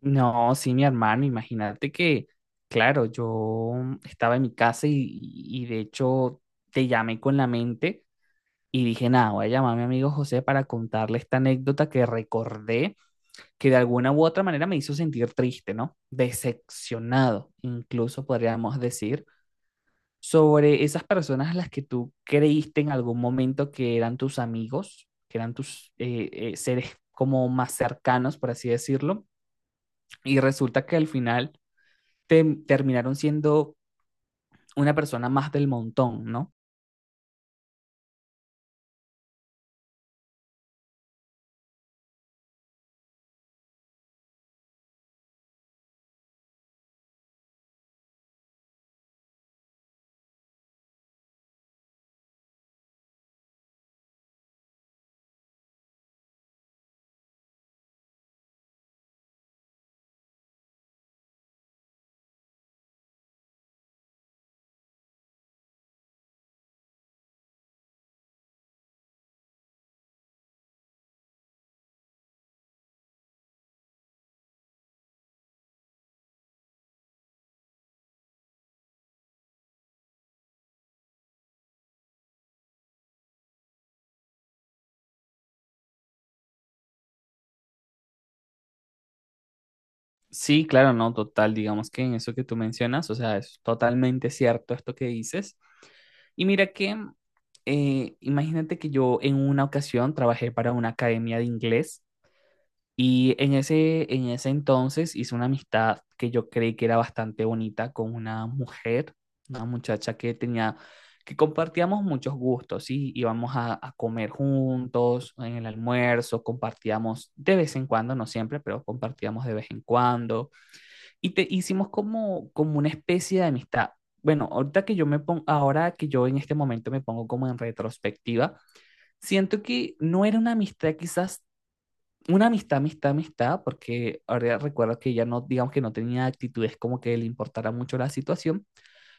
No, sí, mi hermano, imagínate que, claro, yo estaba en mi casa y de hecho te llamé con la mente y dije, nada, voy a llamar a mi amigo José para contarle esta anécdota que recordé que de alguna u otra manera me hizo sentir triste, ¿no? Decepcionado, incluso podríamos decir, sobre esas personas a las que tú creíste en algún momento que eran tus amigos, que eran tus seres como más cercanos, por así decirlo, y resulta que al final terminaron siendo una persona más del montón, ¿no? Sí, claro, no, total, digamos que en eso que tú mencionas, o sea, es totalmente cierto esto que dices. Y mira que, imagínate que yo en una ocasión trabajé para una academia de inglés. Y en ese entonces hice una amistad que yo creí que era bastante bonita con una mujer, una muchacha que tenía, que compartíamos muchos gustos, ¿sí? Íbamos a comer juntos, en el almuerzo, compartíamos de vez en cuando, no siempre, pero compartíamos de vez en cuando. Y te hicimos como una especie de amistad. Bueno, ahorita que yo me pongo, ahora que yo en este momento me pongo como en retrospectiva, siento que no era una amistad quizás una amistad, amistad, amistad, porque ahora recuerdo que ya no, digamos que no tenía actitudes como que le importara mucho la situación,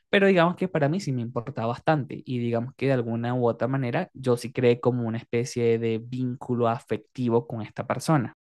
pero digamos que para mí sí me importaba bastante y digamos que de alguna u otra manera yo sí creé como una especie de vínculo afectivo con esta persona.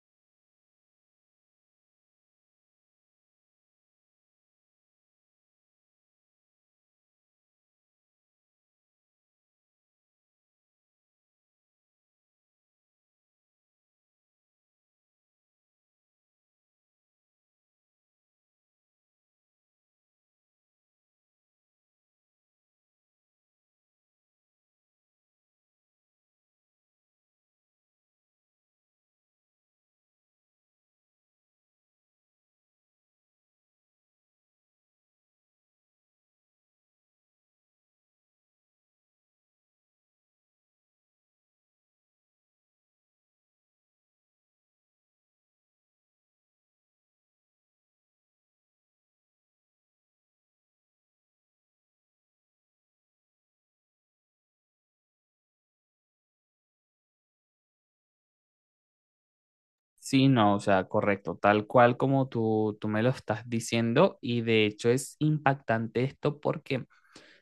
Sí, no, o sea, correcto, tal cual como tú me lo estás diciendo y de hecho es impactante esto porque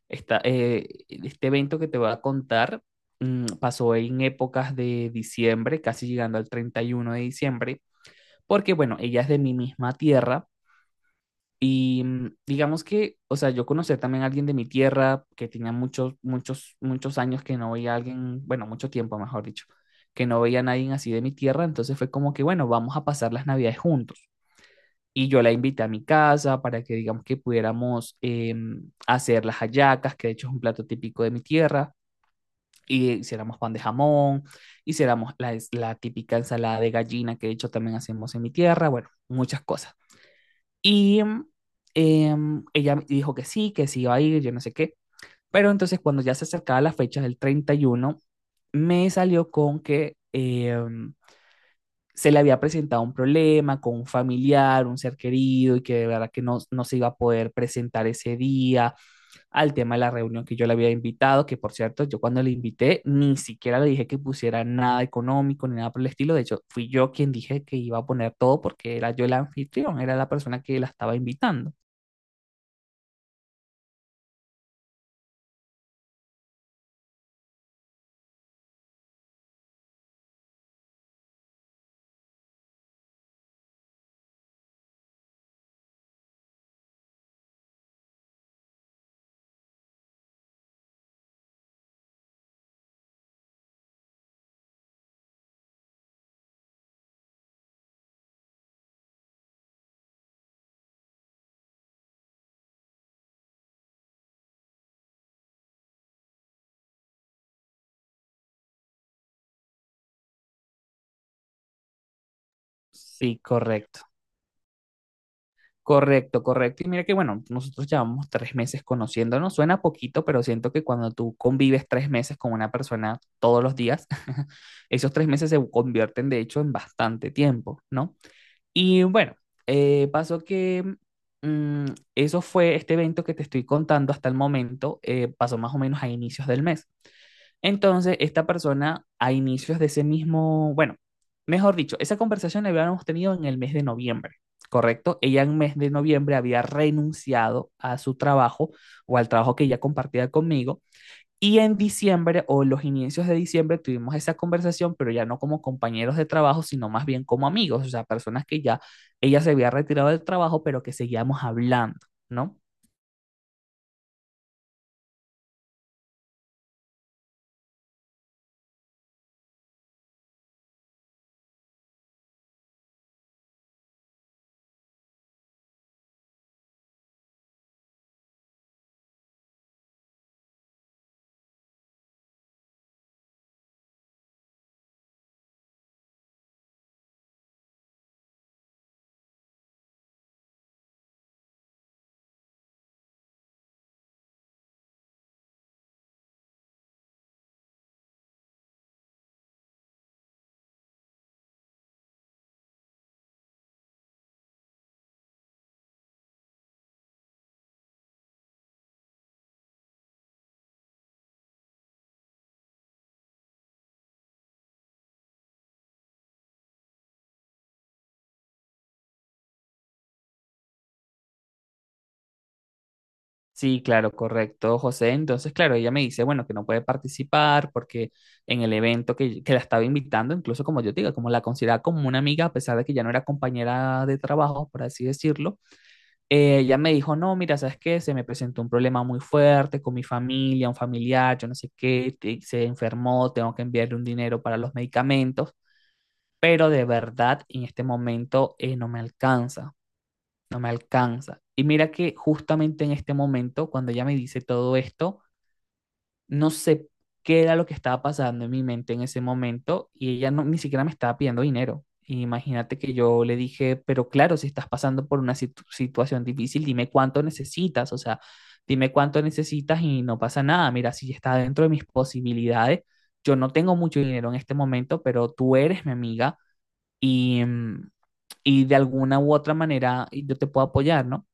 Este evento que te voy a contar pasó en épocas de diciembre, casi llegando al 31 de diciembre, porque bueno, ella es de mi misma tierra y digamos que, o sea, yo conocí también a alguien de mi tierra que tenía muchos, muchos, muchos años que no veía a alguien, bueno, mucho tiempo, mejor dicho, que no veía a nadie así de mi tierra, entonces fue como que, bueno, vamos a pasar las navidades juntos. Y yo la invité a mi casa para que digamos que pudiéramos hacer las hallacas, que de hecho es un plato típico de mi tierra, y hiciéramos pan de jamón, hiciéramos la típica ensalada de gallina, que de hecho también hacemos en mi tierra, bueno, muchas cosas. Y em, ella dijo que sí iba a ir, yo no sé qué. Pero entonces cuando ya se acercaba la fecha del 31 me salió con que se le había presentado un problema con un familiar, un ser querido, y que de verdad que no, no se iba a poder presentar ese día al tema de la reunión que yo le había invitado, que por cierto, yo cuando le invité ni siquiera le dije que pusiera nada económico ni nada por el estilo. De hecho, fui yo quien dije que iba a poner todo porque era yo el anfitrión, era la persona que la estaba invitando. Sí, correcto. Correcto, correcto. Y mira que bueno, nosotros llevamos 3 meses conociéndonos. Suena poquito, pero siento que cuando tú convives 3 meses con una persona todos los días, esos 3 meses se convierten de hecho en bastante tiempo, ¿no? Y bueno, pasó que mm, eso fue este evento que te estoy contando hasta el momento. Pasó más o menos a inicios del mes. Entonces, esta persona a inicios de ese mismo, bueno, mejor dicho, esa conversación la habíamos tenido en el mes de noviembre, ¿correcto? Ella en mes de noviembre había renunciado a su trabajo o al trabajo que ella compartía conmigo y en diciembre o los inicios de diciembre tuvimos esa conversación, pero ya no como compañeros de trabajo, sino más bien como amigos, o sea, personas que ya ella se había retirado del trabajo, pero que seguíamos hablando, ¿no? Sí, claro, correcto, José. Entonces, claro, ella me dice, bueno, que no puede participar porque en el evento que la estaba invitando, incluso como yo te digo, como la consideraba como una amiga, a pesar de que ya no era compañera de trabajo, por así decirlo. Ella me dijo, no, mira, ¿sabes qué? Se me presentó un problema muy fuerte con mi familia, un familiar, yo no sé qué, se enfermó, tengo que enviarle un dinero para los medicamentos, pero de verdad en este momento no me alcanza, no me alcanza. Y mira que justamente en este momento, cuando ella me dice todo esto, no sé qué era lo que estaba pasando en mi mente en ese momento y ella no, ni siquiera me estaba pidiendo dinero. Imagínate que yo le dije, pero claro, si estás pasando por una situación difícil, dime cuánto necesitas, o sea, dime cuánto necesitas y no pasa nada. Mira, si está dentro de mis posibilidades, yo no tengo mucho dinero en este momento, pero tú eres mi amiga y, mm, y de alguna u otra manera yo te puedo apoyar, ¿no?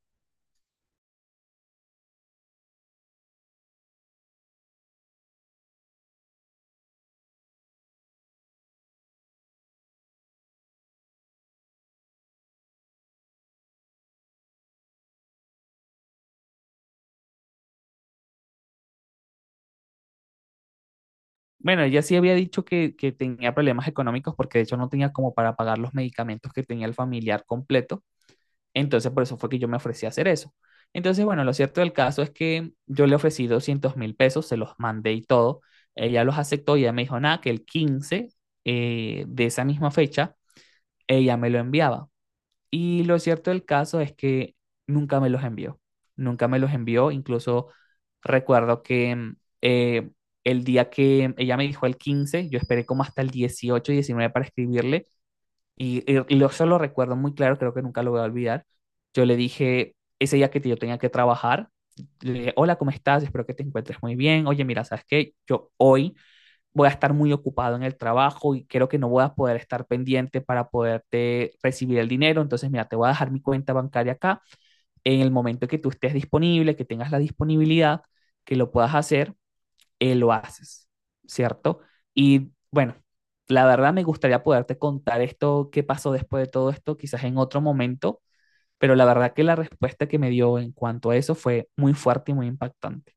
Bueno, ella sí había dicho que tenía problemas económicos porque de hecho no tenía como para pagar los medicamentos que tenía el familiar completo. Entonces, por eso fue que yo me ofrecí a hacer eso. Entonces, bueno, lo cierto del caso es que yo le ofrecí 200.000 pesos, se los mandé y todo. Ella los aceptó y ella me dijo, nada, que el 15 de esa misma fecha ella me lo enviaba. Y lo cierto del caso es que nunca me los envió, nunca me los envió. Incluso recuerdo que eh, el día que ella me dijo el 15 yo esperé como hasta el 18 19 para escribirle, eso lo recuerdo muy claro, creo que nunca lo voy a olvidar. Yo le dije ese día que yo tenía que trabajar, le dije, hola, ¿cómo estás? Espero que te encuentres muy bien. Oye, mira, ¿sabes qué? Yo hoy voy a estar muy ocupado en el trabajo y creo que no voy a poder estar pendiente para poderte recibir el dinero. Entonces, mira, te voy a dejar mi cuenta bancaria acá. En el momento que tú estés disponible, que tengas la disponibilidad, que lo puedas hacer, lo haces, ¿cierto? Y bueno, la verdad me gustaría poderte contar esto, qué pasó después de todo esto, quizás en otro momento, pero la verdad que la respuesta que me dio en cuanto a eso fue muy fuerte y muy impactante.